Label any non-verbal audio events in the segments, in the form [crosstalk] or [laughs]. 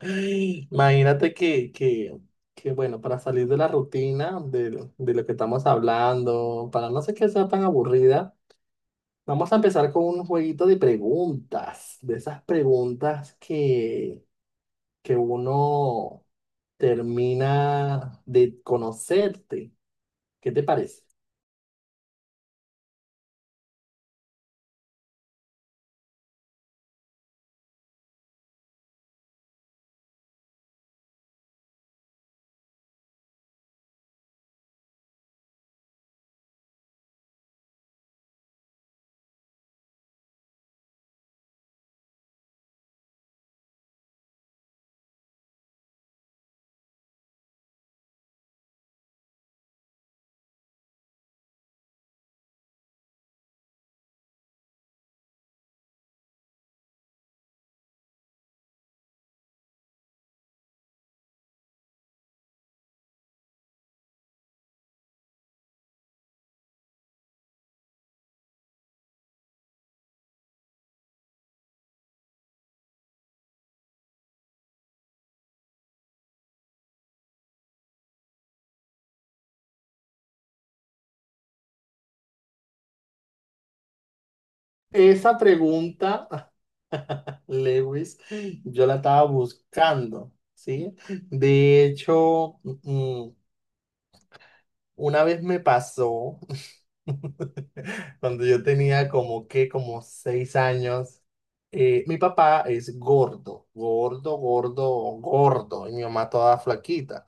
Ay, imagínate que bueno, para salir de la rutina, de lo que estamos hablando, para no sé qué sea tan aburrida, vamos a empezar con un jueguito de preguntas, de esas preguntas que uno termina de conocerte. ¿Qué te parece? Esa pregunta, [laughs] Lewis, yo la estaba buscando, ¿sí? De hecho, una vez me pasó, [laughs] cuando yo tenía como 6 años, mi papá es gordo, gordo, gordo, gordo, y mi mamá toda flaquita.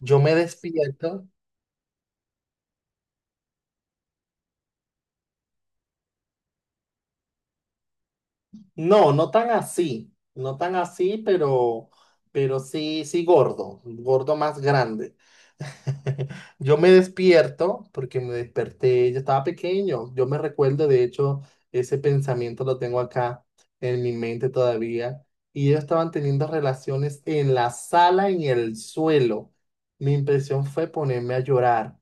Yo me despierto. No, no tan así, no tan así, pero sí, sí gordo, gordo más grande. [laughs] Yo me despierto porque me desperté, yo estaba pequeño, yo me recuerdo, de hecho, ese pensamiento lo tengo acá en mi mente todavía, y ellos estaban teniendo relaciones en la sala, en el suelo. Mi impresión fue ponerme a llorar.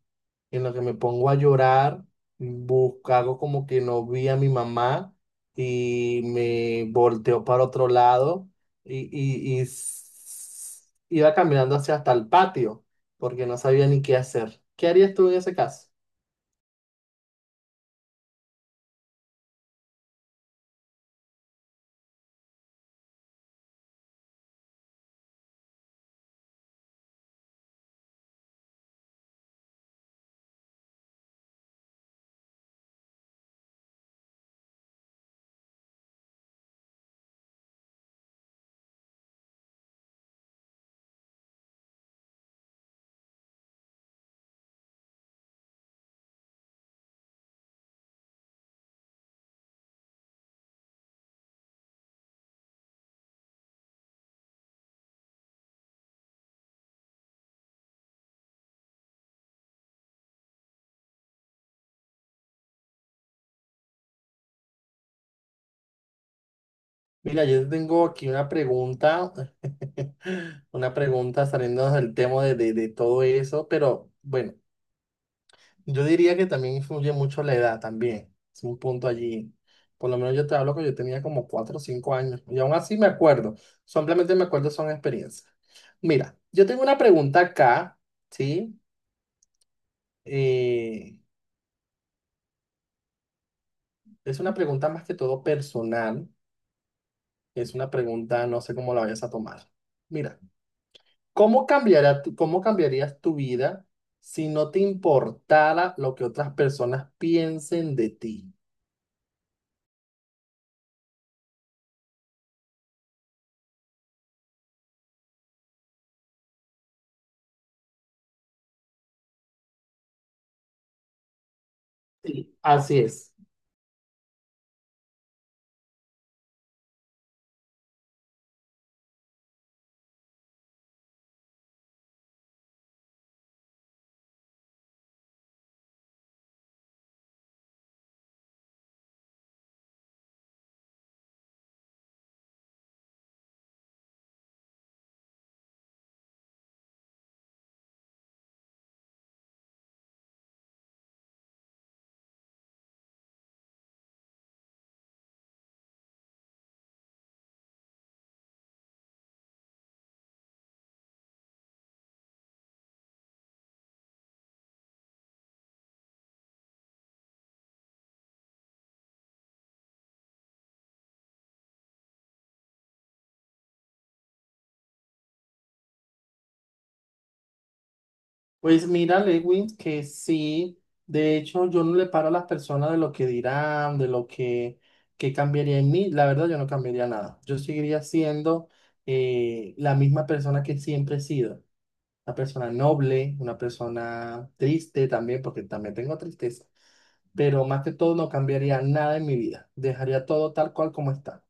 En lo que me pongo a llorar, busco, hago como que no vi a mi mamá y me volteó para otro lado y iba caminando hacia hasta el patio porque no sabía ni qué hacer. ¿Qué harías tú en ese caso? Mira, yo te tengo aquí una pregunta, [laughs] una pregunta saliendo del tema de todo eso, pero bueno, yo diría que también influye mucho la edad también. Es un punto allí. Por lo menos yo te hablo que yo tenía como 4 o 5 años. Y aún así me acuerdo. Simplemente me acuerdo son experiencias. Mira, yo tengo una pregunta acá, ¿sí? Eh, es una pregunta más que todo personal. Es una pregunta, no sé cómo la vayas a tomar. Mira, ¿ cómo cambiarías tu vida si no te importara lo que otras personas piensen de ti? Sí, así es. Pues mira, Lewin, que sí, de hecho yo no le paro a las personas de lo que dirán, de lo que cambiaría en mí, la verdad yo no cambiaría nada, yo seguiría siendo la misma persona que siempre he sido, una persona noble, una persona triste también, porque también tengo tristeza, pero más que todo no cambiaría nada en mi vida, dejaría todo tal cual como está.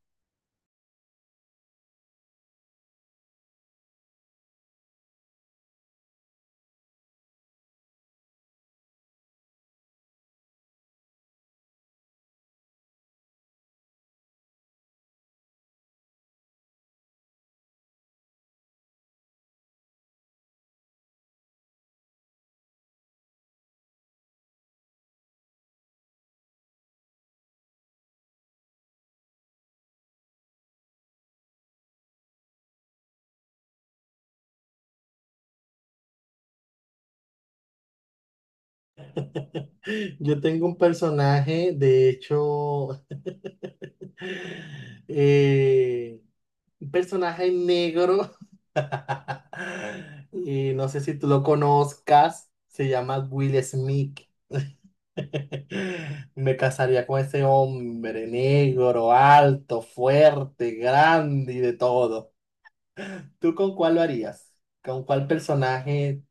[laughs] Yo tengo un personaje, de hecho, [laughs] eh, un personaje negro, [laughs] y no sé si tú lo conozcas, se llama Will Smith. [laughs] Me casaría con ese hombre negro, alto, fuerte, grande y de todo. ¿Tú con cuál lo harías? ¿Con cuál personaje?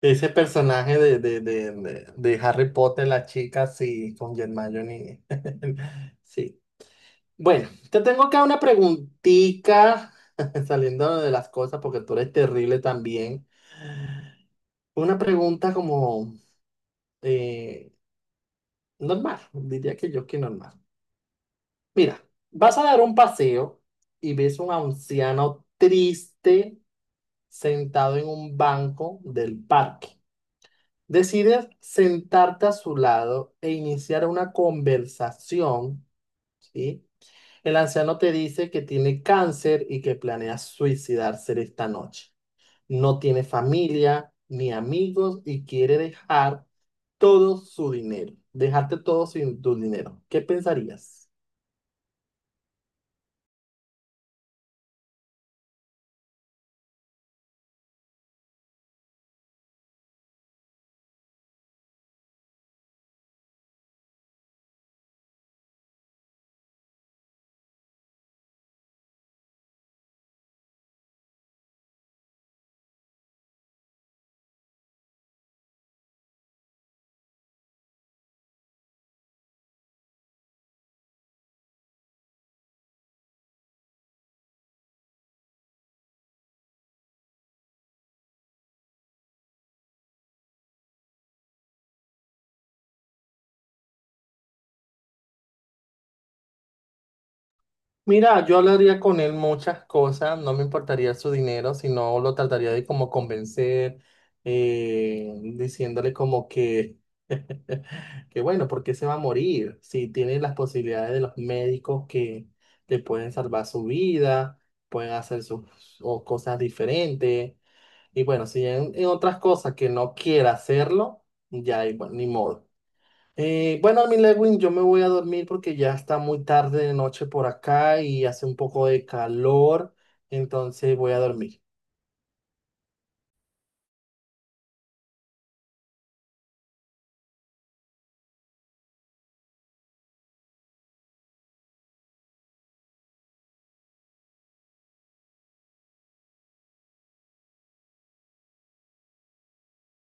Ese personaje de Harry Potter, la chica, sí, con Hermione. [laughs] Sí. Bueno, te tengo acá una preguntita, [laughs] saliendo de las cosas, porque tú eres terrible también. Una pregunta como eh, normal, diría que yo que normal. Mira, vas a dar un paseo y ves un anciano triste sentado en un banco del parque. Decides sentarte a su lado e iniciar una conversación, ¿sí? El anciano te dice que tiene cáncer y que planea suicidarse esta noche. No tiene familia ni amigos y quiere dejar todo su dinero, dejarte todo sin tu dinero. ¿Qué pensarías? Mira, yo hablaría con él muchas cosas, no me importaría su dinero, sino lo trataría de como convencer, diciéndole como que, [laughs] que bueno, ¿porque se va a morir? Si tiene las posibilidades de los médicos que le pueden salvar su vida, pueden hacer sus o cosas diferentes. Y bueno, si en otras cosas que no quiera hacerlo, ya ahí, bueno, ni modo. Bueno, mi Lewin, yo me voy a dormir porque ya está muy tarde de noche por acá y hace un poco de calor, entonces voy a dormir.